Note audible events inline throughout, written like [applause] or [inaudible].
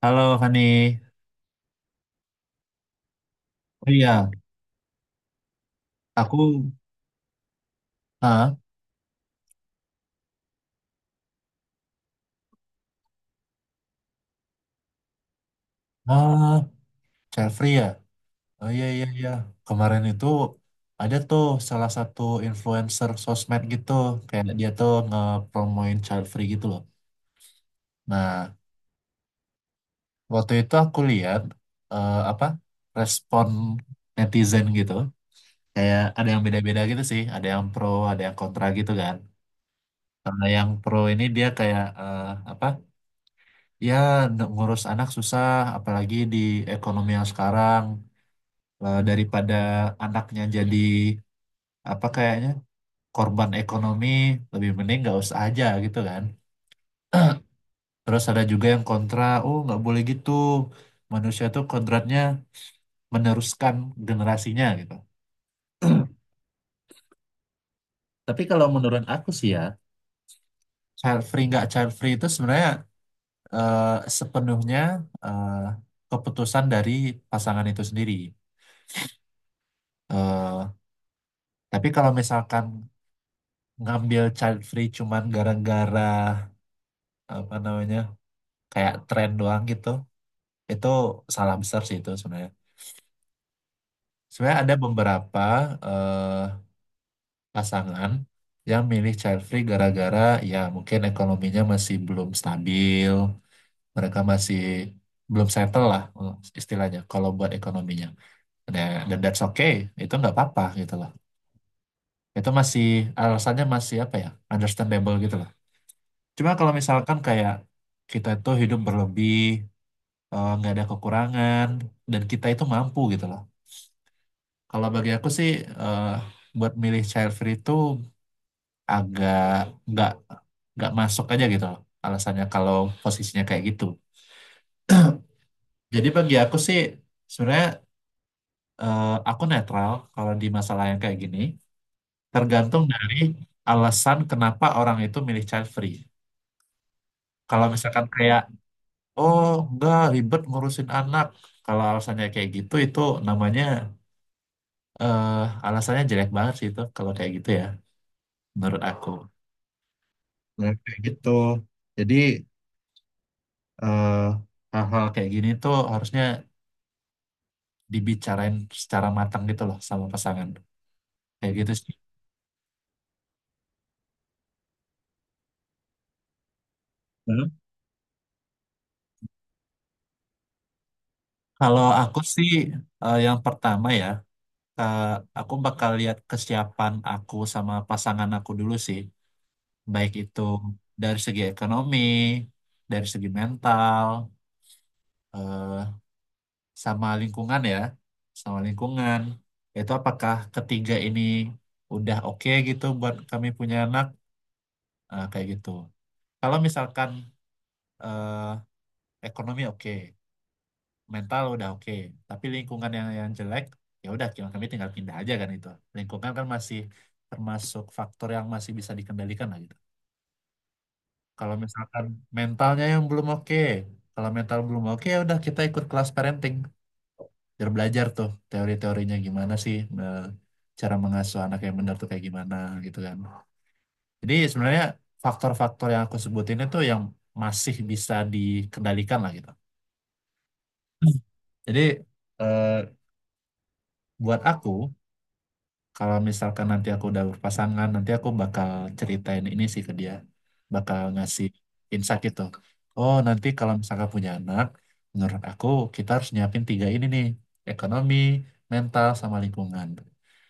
Halo Fani. Oh iya, aku ah ah Chelsea ya. Oh iya iya iya. Kemarin itu ada tuh salah satu influencer sosmed gitu, kayak dia tuh ngepromoin child free gitu loh. Nah, waktu itu aku lihat apa respon netizen gitu, kayak ada yang beda-beda gitu sih, ada yang pro, ada yang kontra gitu kan. Karena yang pro ini dia kayak apa? Ya, ngurus anak susah, apalagi di ekonomi yang sekarang. Daripada anaknya jadi apa kayaknya korban ekonomi lebih mending nggak usah aja gitu kan. [clears throat] Terus ada juga yang kontra, oh nggak boleh gitu, manusia tuh kodratnya meneruskan generasinya gitu. Tapi kalau menurut aku sih ya, child free nggak child free itu sebenarnya eh, sepenuhnya eh, keputusan dari pasangan itu sendiri. Eh, tapi kalau misalkan ngambil child free cuman gara-gara apa namanya, kayak tren doang gitu, itu salah besar sih itu sebenarnya. Sebenarnya ada beberapa eh, pasangan yang milih child free gara-gara ya mungkin ekonominya masih belum stabil, mereka masih belum settle lah, istilahnya kalau buat ekonominya. Dan that's okay, itu nggak apa-apa gitu loh. Itu masih, alasannya masih apa ya, understandable gitu loh. Cuma kalau misalkan kayak kita itu hidup berlebih, nggak ada kekurangan dan kita itu mampu gitu loh. Kalau bagi aku sih eh, buat milih child free itu agak nggak nggak masuk aja gitu loh alasannya kalau posisinya kayak gitu. [clears throat] Jadi bagi aku sih sebenarnya aku netral kalau di masalah yang kayak gini, tergantung dari alasan kenapa orang itu milih child free. Kalau misalkan kayak oh nggak ribet ngurusin anak, kalau alasannya kayak gitu itu namanya eh alasannya jelek banget sih itu kalau kayak gitu ya, menurut aku. Nah, kayak gitu. Jadi eh, hal-hal kayak gini tuh harusnya dibicarain secara matang gitu loh sama pasangan. Kayak gitu sih. Hmm. Kalau aku sih yang pertama ya, eh, aku bakal lihat kesiapan aku sama pasangan aku dulu sih. Baik itu dari segi ekonomi, dari segi mental, eh, sama lingkungan ya, sama lingkungan. Itu apakah ketiga ini udah oke gitu buat kami punya anak? Kayak gitu. Kalau misalkan eh, ekonomi oke, mental udah oke, tapi lingkungan yang jelek, ya udah kami kami tinggal pindah aja kan itu. Lingkungan kan masih termasuk faktor yang masih bisa dikendalikan lah gitu. Kalau misalkan mentalnya yang belum oke, kalau mental belum oke ya udah kita ikut kelas parenting, biar belajar tuh teori-teorinya gimana sih, cara mengasuh anak yang benar tuh kayak gimana gitu kan. Jadi sebenarnya faktor-faktor yang aku sebutin itu yang masih bisa dikendalikan lah gitu. Jadi eh, buat aku kalau misalkan nanti aku udah berpasangan, nanti aku bakal ceritain ini sih ke dia, bakal ngasih insight gitu. Oh nanti kalau misalkan punya anak, menurut aku kita harus nyiapin tiga ini nih, ekonomi, mental, sama lingkungan.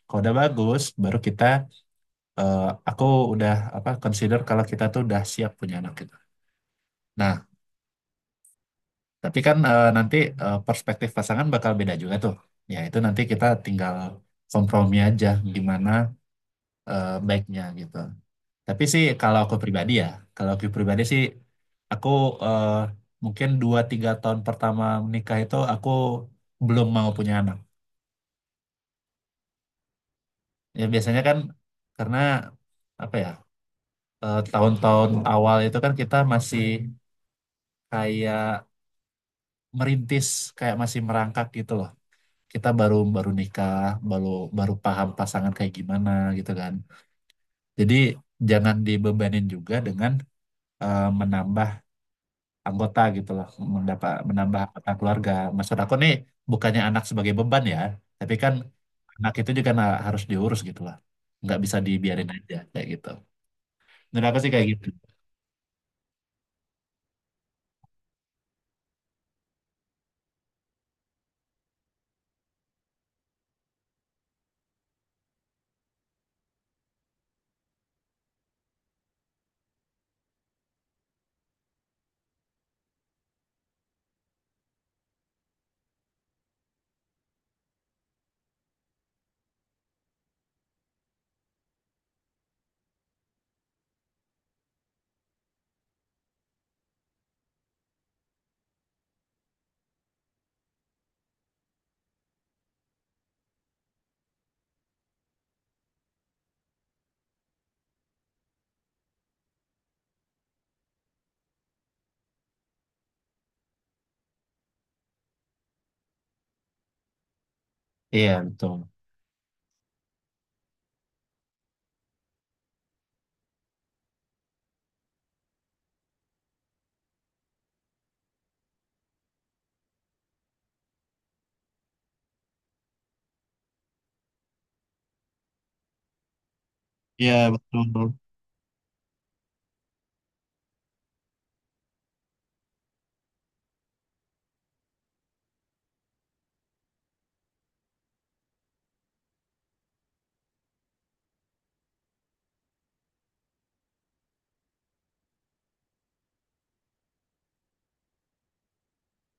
Kalau udah bagus, baru kita, eh, aku udah apa, consider kalau kita tuh udah siap punya anak gitu. Nah, tapi kan nanti perspektif pasangan bakal beda juga tuh. Ya itu nanti kita tinggal kompromi aja gimana baiknya gitu. Tapi sih kalau aku pribadi ya, kalau aku pribadi sih aku eh, mungkin dua tiga tahun pertama menikah itu aku belum mau punya anak. Ya biasanya kan karena apa ya, tahun-tahun awal itu kan kita masih kayak merintis, kayak masih merangkak gitu loh. Kita baru baru nikah, baru baru paham pasangan kayak gimana gitu kan. Jadi jangan dibebanin juga dengan menambah anggota gitu loh, menambah anggota keluarga. Maksud aku nih bukannya anak sebagai beban ya, tapi kan anak itu juga harus diurus gitu lah. Nggak bisa dibiarin aja kayak gitu. Menurut aku sih kayak gitu. Iya betul. Iya betul.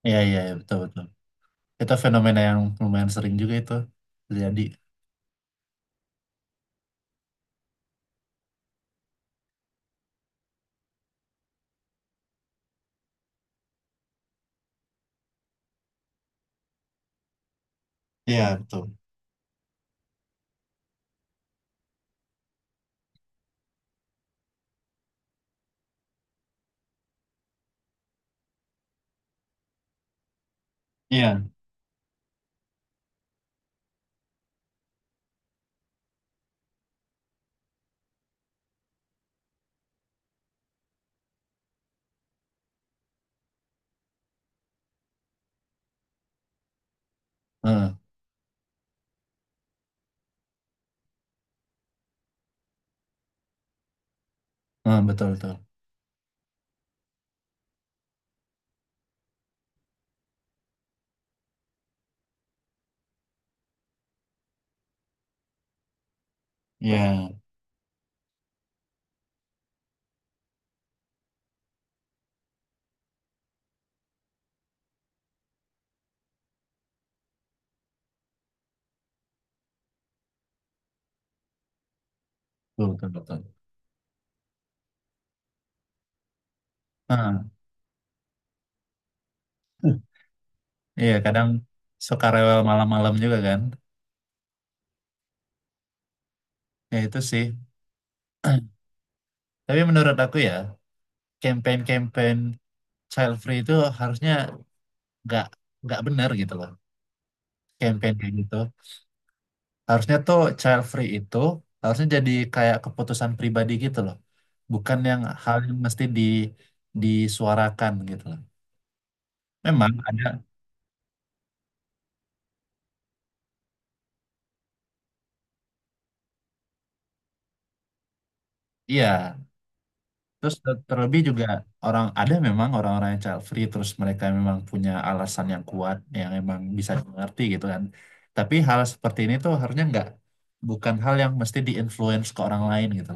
Iya iya iya, betul betul. Itu fenomena yang lumayan sering juga itu terjadi. Iya betul. Iya. Heeh, heeh, betul betul. Iya, betul, betul, betul. Ah, iya, kadang suka rewel malam-malam juga kan. Ya itu sih. [clears throat] Tapi menurut aku ya, campaign-campaign child free itu harusnya nggak nggak benar gitu loh. Campaign kayak gitu. Harusnya tuh child free itu harusnya jadi kayak keputusan pribadi gitu loh. Bukan yang hal yang mesti disuarakan gitu loh. Memang ada, iya. Terus terlebih juga orang ada memang orang-orang yang child free terus mereka memang punya alasan yang kuat yang emang bisa dimengerti gitu kan. Tapi hal seperti ini tuh harusnya nggak, bukan hal yang mesti diinfluence ke orang lain gitu.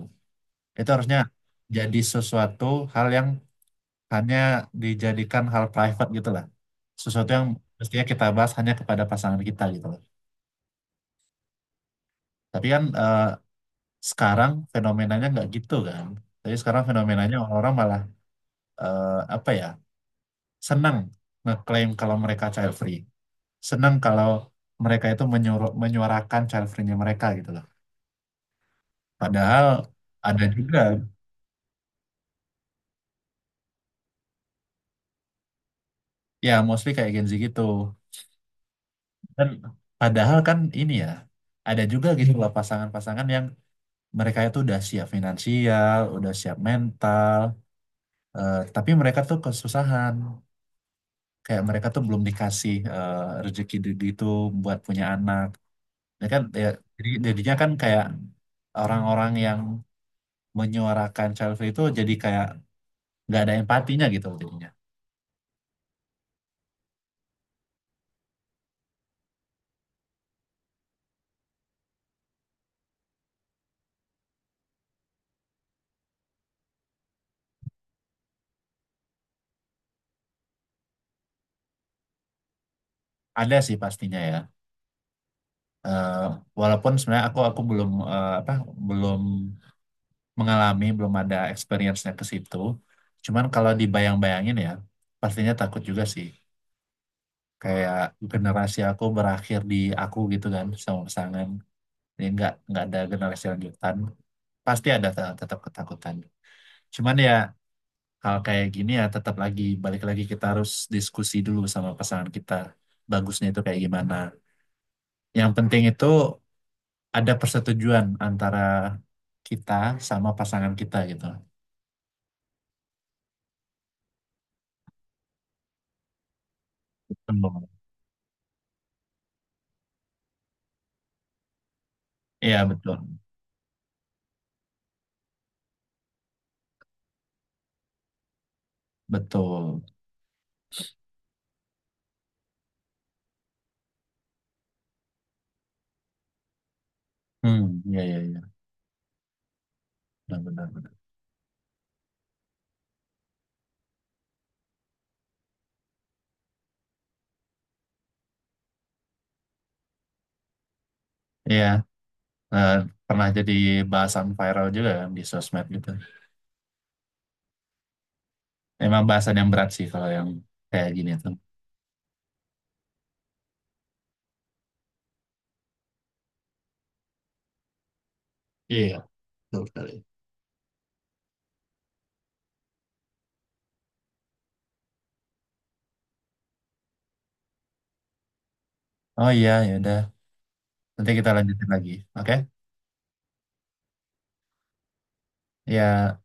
Itu harusnya jadi sesuatu hal yang hanya dijadikan hal private gitu lah. Sesuatu yang mestinya kita bahas hanya kepada pasangan kita gitu loh. Tapi kan sekarang fenomenanya nggak gitu kan. Tapi sekarang fenomenanya orang-orang malah apa ya, senang ngeklaim kalau mereka child free. Senang kalau mereka itu menyuruh, menyuarakan child free-nya mereka gitu loh. Padahal ada juga, ya mostly kayak Gen Z gitu. Dan padahal kan ini ya, ada juga gitu loh pasangan-pasangan yang mereka itu udah siap finansial, udah siap mental, tapi mereka tuh kesusahan. Kayak mereka tuh belum dikasih rezeki itu buat punya anak. Ya kan, ya, jadi jadinya kan kayak orang-orang yang menyuarakan selfie itu jadi kayak nggak ada empatinya gitu loh jadinya. Ada sih pastinya ya. Eh, Walaupun sebenarnya aku belum eh, apa belum mengalami, belum ada experience-nya ke situ. Cuman kalau dibayang-bayangin ya pastinya takut juga sih. Kayak generasi aku berakhir di aku gitu kan sama pasangan. Jadi nggak ada generasi lanjutan. Pasti ada tetap ketakutan. Cuman ya hal kayak gini ya tetap, lagi balik lagi kita harus diskusi dulu sama pasangan kita bagusnya itu kayak gimana, yang penting itu ada persetujuan antara kita sama pasangan kita gitu. Betul. Iya betul betul. Hmm, iya iya iya, benar benar benar. Iya, eh, pernah jadi bahasan viral juga kan di sosmed gitu. Emang bahasan yang berat sih kalau yang kayak gini tuh. Iya, betul sekali. Oh iya ya udah, nanti kita lanjutin lagi. Oke ya.